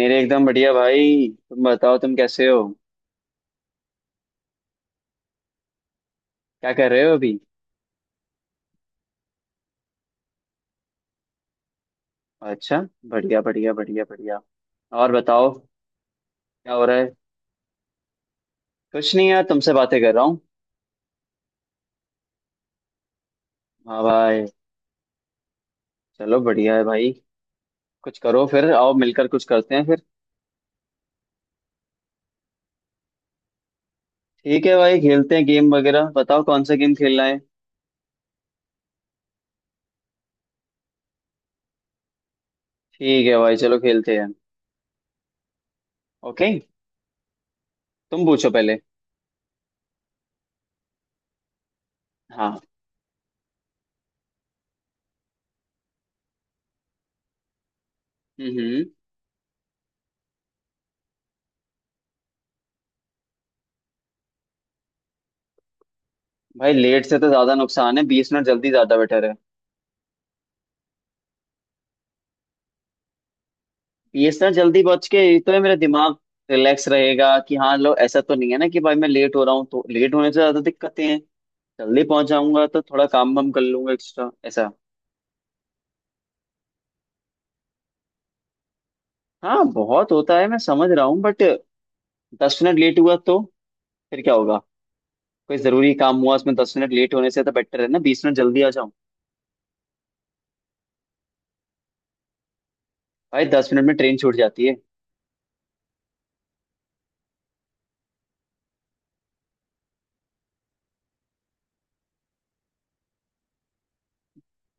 मेरे एकदम बढ़िया भाई। तुम बताओ तुम कैसे हो? क्या कर रहे हो अभी? अच्छा। बढ़िया बढ़िया बढ़िया बढ़िया। और बताओ। क्या हो रहा है? कुछ नहीं यार तुमसे बातें कर रहा हूँ। हाँ भाई। चलो बढ़िया है भाई। कुछ करो फिर आओ मिलकर कुछ करते हैं फिर। ठीक है भाई खेलते हैं गेम वगैरह। बताओ कौन सा गेम खेलना है? ठीक है भाई चलो खेलते हैं। ओके तुम पूछो पहले। हाँ। हम्म भाई लेट से तो ज्यादा नुकसान है, 20 मिनट जल्दी ज्यादा बेटर है। ये सर जल्दी बच के ये तो है मेरा दिमाग। रिलैक्स रहेगा कि हाँ लो, ऐसा तो नहीं है ना कि भाई मैं लेट हो रहा हूँ, तो लेट होने से ज्यादा दिक्कतें हैं। जल्दी पहुंच जाऊंगा तो थोड़ा काम वाम कर लूंगा एक्स्ट्रा ऐसा। हाँ बहुत होता है, मैं समझ रहा हूँ बट 10 मिनट लेट हुआ तो फिर क्या होगा? कोई जरूरी काम हुआ उसमें 10 मिनट लेट होने से तो बेटर है ना 20 मिनट जल्दी आ जाऊं। भाई 10 मिनट में ट्रेन छूट जाती है।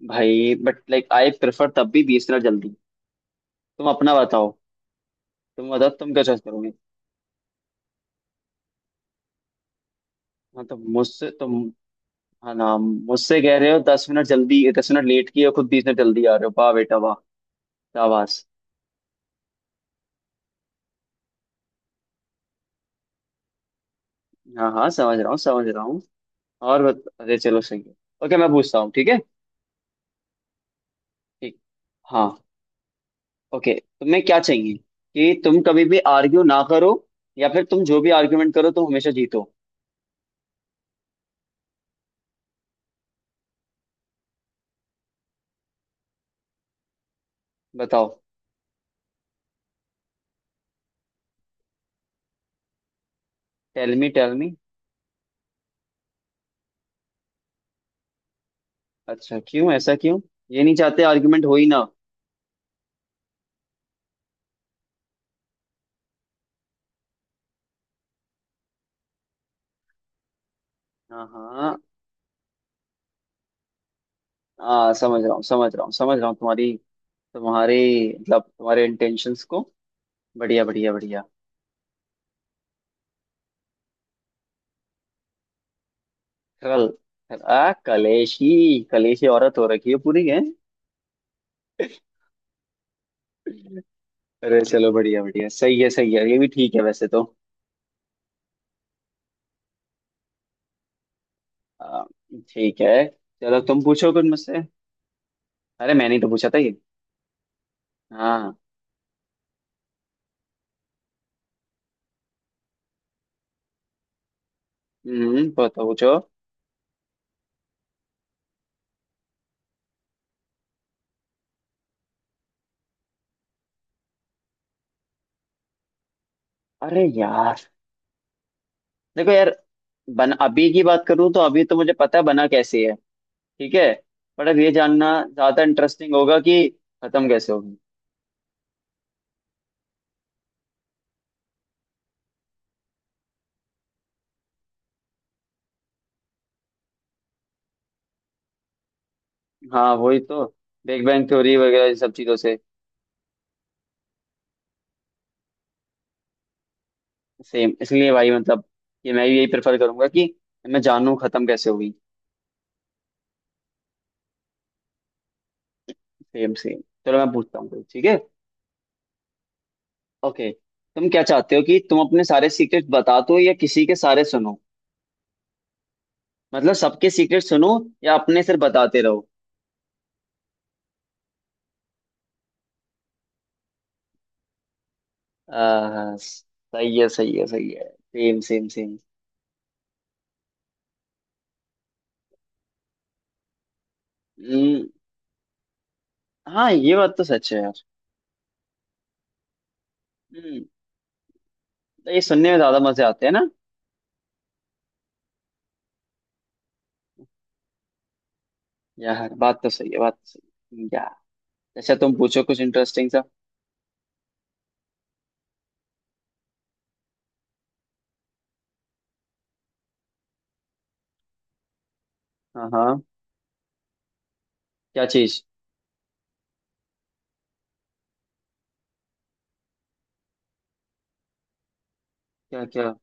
भाई बट लाइक आई प्रेफर तब भी 20 मिनट जल्दी। तुम अपना बताओ। तुम बताओ तुम क्या चॉइस करोगे? हाँ तो मुझसे तो, हाँ ना मुझसे कह रहे हो 10 मिनट जल्दी 10 मिनट लेट किए और खुद 20 मिनट जल्दी आ रहे हो। वाह बेटा वाह। शाबाश। हाँ हाँ समझ रहा हूँ समझ रहा हूँ। अरे चलो सही है। ओके मैं पूछता हूँ ठीक है। ठीक। हाँ। ओके तुम्हें क्या चाहिए कि तुम कभी भी आर्ग्यू ना करो, या फिर तुम जो भी आर्ग्यूमेंट करो तुम हमेशा जीतो? बताओ। Tell me tell me. अच्छा क्यों, ऐसा क्यों? ये नहीं चाहते आर्ग्यूमेंट हो ही ना? हाँ हाँ। हाँ समझ रहा हूँ समझ रहा हूँ समझ रहा हूँ तुम्हारी तुम्हारे मतलब तुम्हारे इंटेंशंस को। बढ़िया बढ़िया बढ़िया। कल आ कलेशी, कलेशी औरत हो रखी है पूरी है। अरे चलो बढ़िया बढ़िया सही है ये भी ठीक है वैसे तो। आ, ठीक है। चलो तुम पूछो कुछ मुझसे। अरे मैंने ही तो पूछा था ये। हाँ। पूछो पूछो। अरे यार, देखो यार, बन अभी की बात करूँ तो अभी तो मुझे पता है बना कैसे है। ठीक है। पर अब ये जानना ज्यादा इंटरेस्टिंग होगा कि खत्म कैसे होगी। हाँ वही तो। बिग बैंग थ्योरी वगैरह इन सब चीजों से। सेम इसलिए भाई मतलब कि मैं भी यही प्रेफर करूंगा कि मैं जानूं खत्म कैसे हुई। Same same. चलो मैं पूछता हूँ कोई, ठीक है। ओके तुम क्या चाहते हो कि तुम अपने सारे सीक्रेट बता दो या किसी के सारे सुनो? मतलब सबके सीक्रेट सुनो, या अपने सिर्फ बताते रहो? सही है सही है सही है। Same same same. हम्म, हाँ ये बात तो सच है यार। हम्म, तो ये सुनने में ज्यादा मजे आते हैं ना। यार बात तो सही है बात तो सही है यार। अच्छा तुम पूछो कुछ इंटरेस्टिंग सा। हाँ हाँ। क्या चीज? क्या क्या?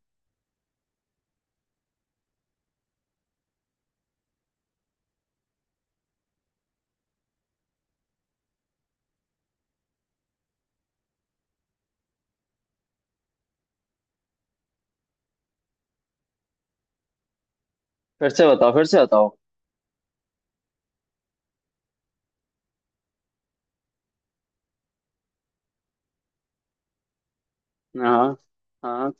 फिर से बताओ फिर से बताओ। हाँ। हाँ।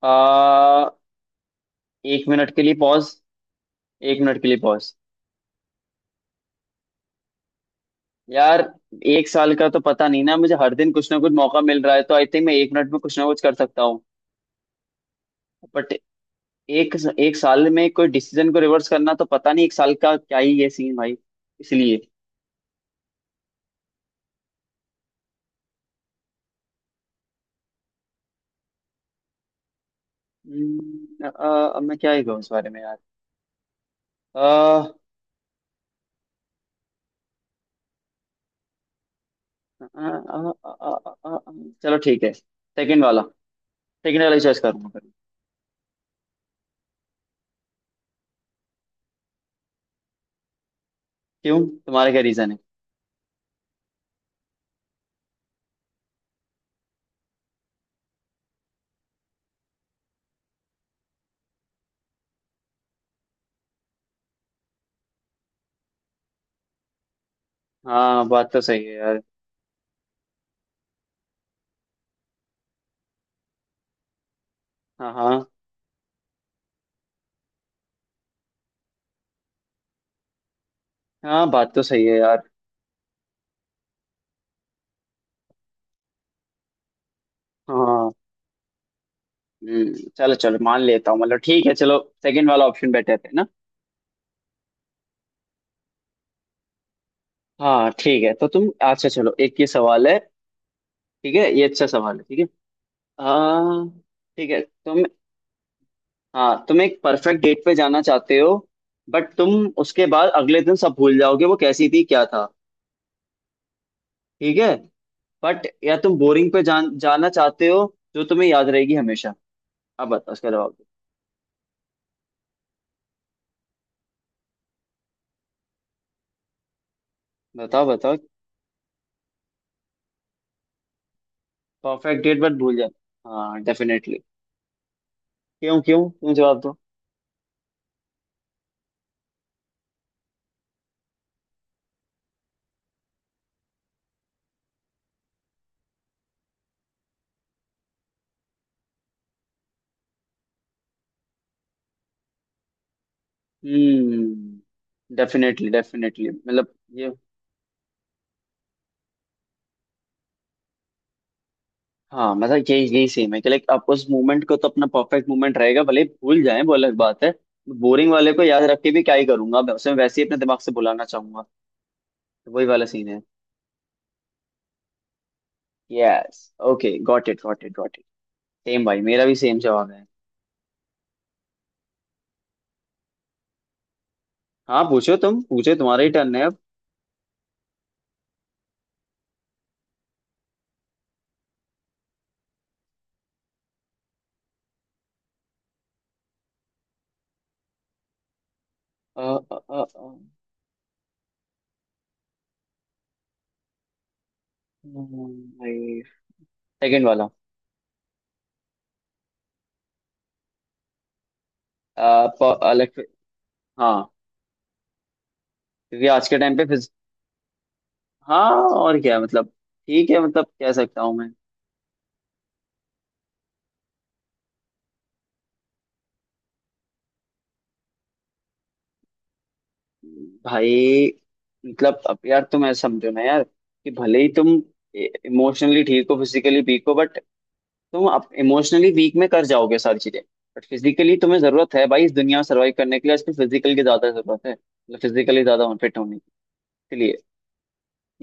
आ, 1 मिनट के लिए पॉज, 1 मिनट के लिए पॉज। यार 1 साल का तो पता नहीं, ना मुझे हर दिन कुछ ना कुछ मौका मिल रहा है तो आई थिंक मैं 1 मिनट में कुछ ना कुछ कर सकता हूँ। बट एक एक साल में कोई डिसीजन को रिवर्स करना तो पता नहीं, 1 साल का क्या ही ये सीन भाई। इसलिए। अब मैं क्या ही कहूँ इस बारे में यार। आ, आ, आ, आ, आ, आ, आ, चलो ठीक है, सेकंड वाला, सेकंड वाला चॉइस करूंगा फिर। क्यों? तुम्हारा क्या रीजन है? हाँ बात तो सही है यार। हाँ हाँ। हाँ बात तो सही है यार। हाँ। चलो चलो मान लेता हूँ, मतलब ठीक है, चलो सेकंड वाला ऑप्शन बेटर है ना। हाँ ठीक है तो तुम, अच्छा चलो एक ये सवाल है। ठीक है ये अच्छा सवाल है ठीक है। हाँ। ठीक है तुम, हाँ तुम एक परफेक्ट डेट पे जाना चाहते हो, बट तुम उसके बाद अगले दिन सब भूल जाओगे वो कैसी थी क्या था, ठीक है, बट या तुम जाना चाहते हो जो तुम्हें याद रहेगी हमेशा। अब बताओ उसका जवाब दो। बताओ बताओ। परफेक्ट डेट बट भूल जाते हैं। हाँ डेफिनेटली। क्यों क्यों क्यों जवाब दो। डेफिनेटली डेफिनेटली, मतलब ये, हाँ मतलब यही यही सेम है कि लाइक आप उस मोमेंट को तो अपना परफेक्ट मोमेंट रहेगा, भले ही भूल जाए वो अलग बात है। बोरिंग वाले को याद रख के भी क्या ही करूंगा, मैं उसे वैसे ही अपने दिमाग से भुलाना चाहूंगा। तो वही वाला सीन है। Yes. Okay got it got it got it. Same भाई मेरा भी सेम जवाब है। हाँ पूछो तुम पूछो, तुम्हारा ही टर्न है अब। अ, अ, अ, अ, भाई सेकंड वाला। अलग। हाँ, क्योंकि आज के टाइम पे फिज हाँ और क्या मतलब, ठीक है मतलब कह सकता हूँ मैं। भाई मतलब अब यार तुम ऐसा समझो ना यार, कि भले ही तुम इमोशनली ठीक हो फिजिकली वीक हो, बट तुम अब इमोशनली वीक में कर जाओगे सारी चीजें, बट फिजिकली तुम्हें जरूरत है भाई इस दुनिया में सर्वाइव करने के लिए, आजकल फिजिकल की ज्यादा जरूरत है, मतलब फिजिकली ज्यादा फिट होने की। इसलिए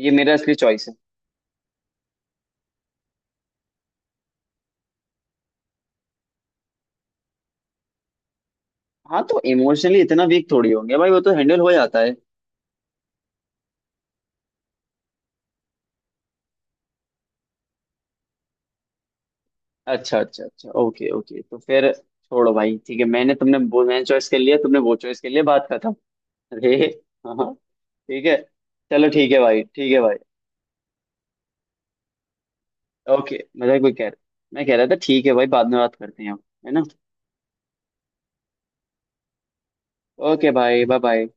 ये मेरा असली चॉइस है। हाँ तो इमोशनली इतना वीक थोड़ी होंगे भाई, वो तो हैंडल हो जाता है। अच्छा अच्छा अच्छा, ओके ओके, तो फिर छोड़ो भाई ठीक है, मैंने तुमने वो मैंने चॉइस कर लिया तुमने वो चॉइस कर लिया, बात खत्म। अरे। हाँ हाँ, ठीक है। चलो ठीक है भाई ठीक है भाई। ओके मजाक भी कह रहा। मैं कह रहा था ठीक है भाई, बाद में बात करते हैं हम, है ना। ओके भाई बाय बाय।